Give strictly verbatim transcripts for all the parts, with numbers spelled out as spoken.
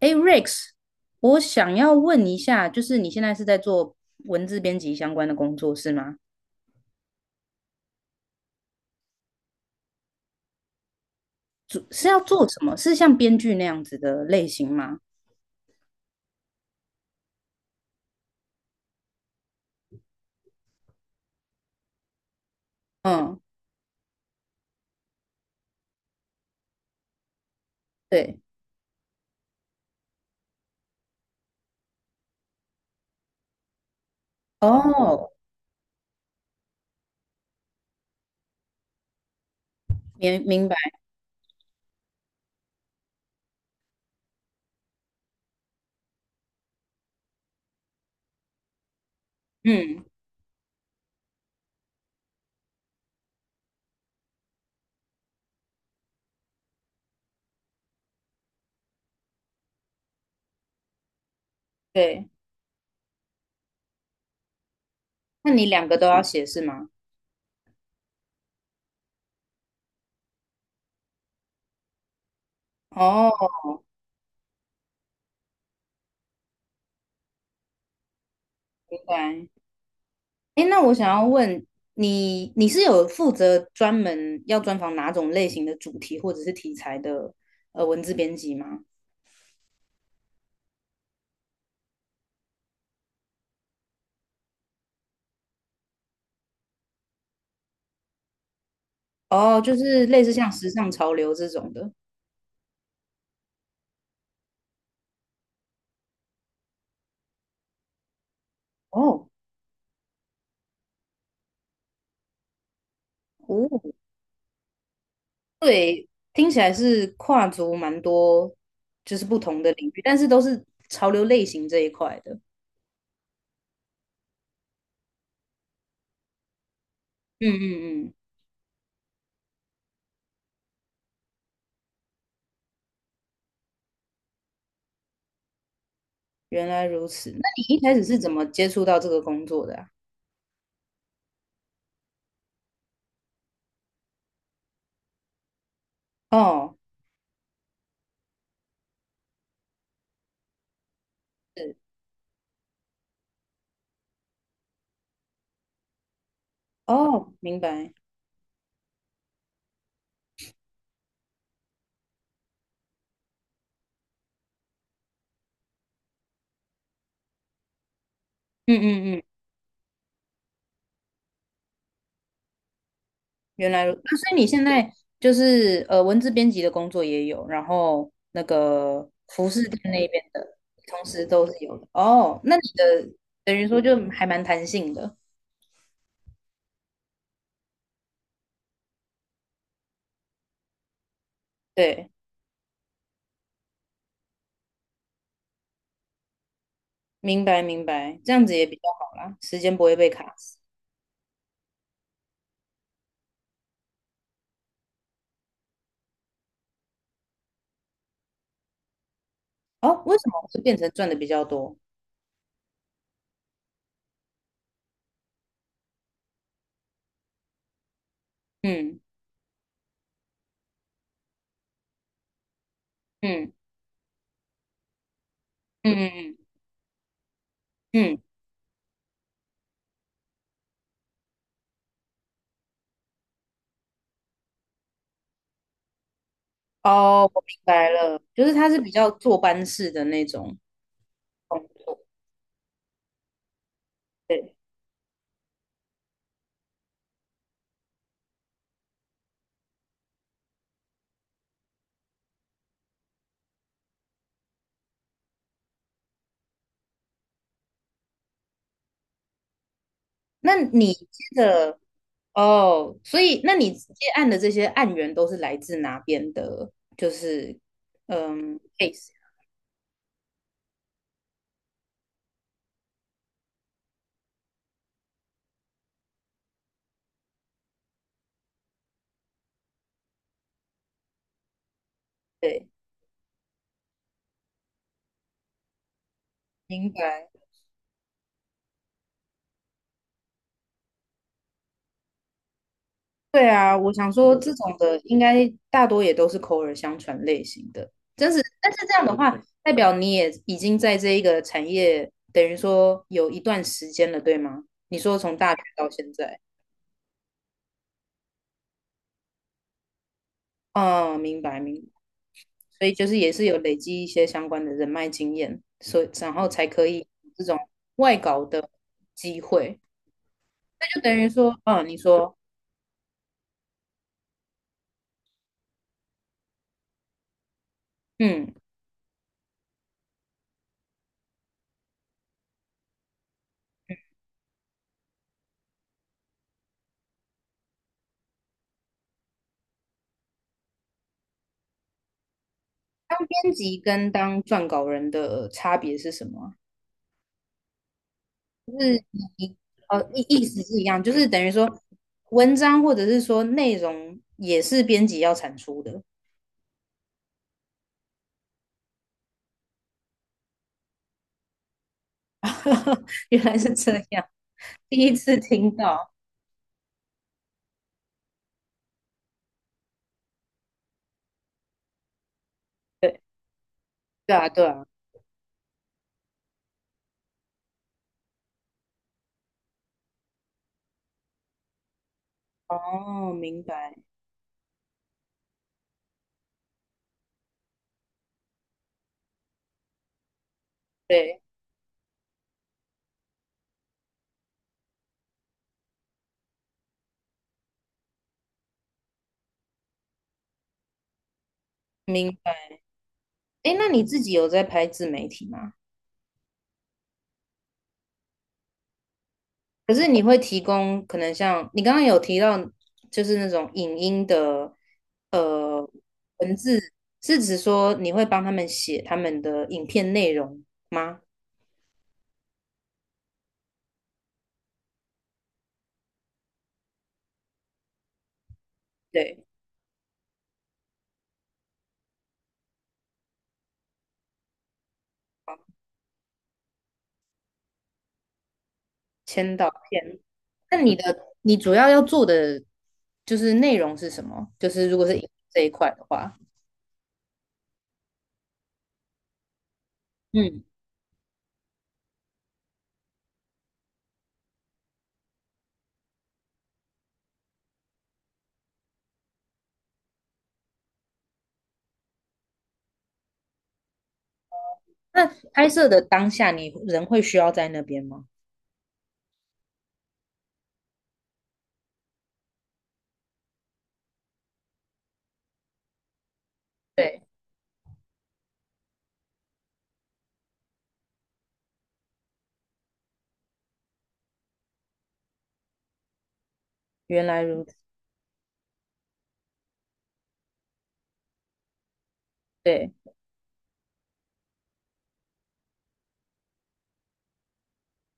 哎，Rex，我想要问一下，就是你现在是在做文字编辑相关的工作是吗？主是要做什么？是像编剧那样子的类型吗？嗯，对。哦，明明白。嗯，对。那你两个都要写是吗？哦，明白。哎，那我想要问你，你是有负责专门要专访哪种类型的主题或者是题材的呃文字编辑吗？哦，就是类似像时尚潮流这种的。哦，哦，对，听起来是跨足蛮多，就是不同的领域，但是都是潮流类型这一块的。嗯嗯嗯，原来如此。那你一开始是怎么接触到这个工作的啊？哦，是，哦，明白。嗯嗯嗯，原来如那所以你现在就是呃，文字编辑的工作也有，然后那个服饰店那边的，同时都是有的。哦，那你的等于说就还蛮弹性的。对。明白明白，这样子也比较好啦，时间不会被卡死。哦，为什么会变成赚的比较多？嗯嗯嗯嗯嗯，嗯。哦，我明白了，就是他是比较坐班式的那种工作。对，那你接的哦，所以那你接案的这些案源都是来自哪边的？就是 case，对，明白。对啊，我想说这种的应该大多也都是口耳相传类型的，真是。但是这样的话，代表你也已经在这一个产业，等于说有一段时间了，对吗？你说从大学到现在，嗯，明白明白。所以就是也是有累积一些相关的人脉经验，所以然后才可以有这种外稿的机会。那就等于说，嗯，你说，嗯，当编辑跟当撰稿人的差别是什么啊就是你哦，意意思是一样，就是等于说文章或者是说内容也是编辑要产出的。原来是这样，第一次听到。对，对啊，对啊。哦，明白。对，明白。哎，那你自己有在拍自媒体吗？可是你会提供可能像你刚刚有提到，就是那种影音的呃文字，是指说你会帮他们写他们的影片内容吗？对。哦签到片。那你的你主要要做的就是内容是什么？就是如果是影这一块的话，嗯，那拍摄的当下，你人会需要在那边吗？对，原来如此，对。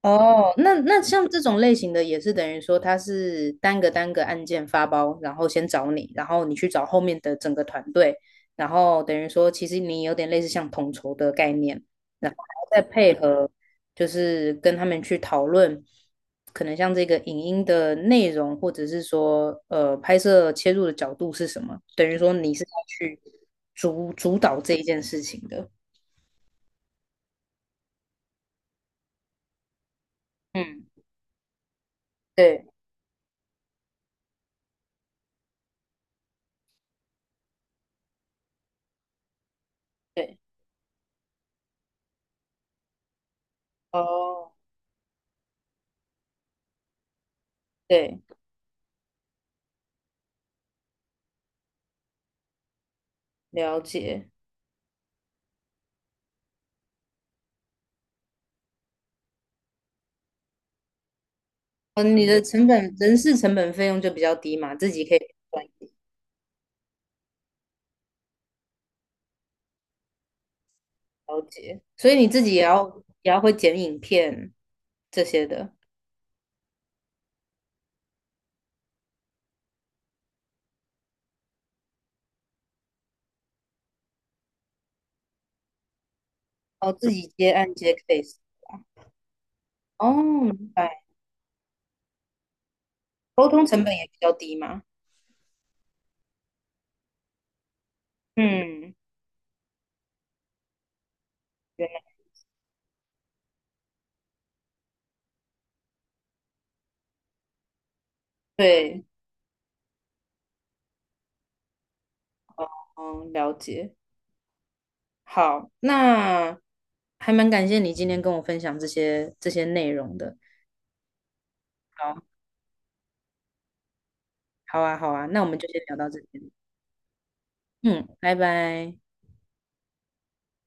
哦，那那像这种类型的也是等于说，它是单个单个案件发包，然后先找你，然后你去找后面的整个团队，然后等于说，其实你有点类似像统筹的概念，然后还要再配合，就是跟他们去讨论，可能像这个影音的内容，或者是说，呃，拍摄切入的角度是什么，等于说你是要去主主导这一件事情的。嗯，对对，哦，对，了解。哦，你的成本人事成本费用就比较低嘛，自己可以赚一点，了解。所以你自己也要也要会剪影片这些的，哦，自己接案接 case。哦，明白。沟通成本也比较低嘛。嗯，原来对，哦，了解。好，那还蛮感谢你今天跟我分享这些这些内容的。好，好啊，好啊，那我们就先聊到这边。嗯，拜拜。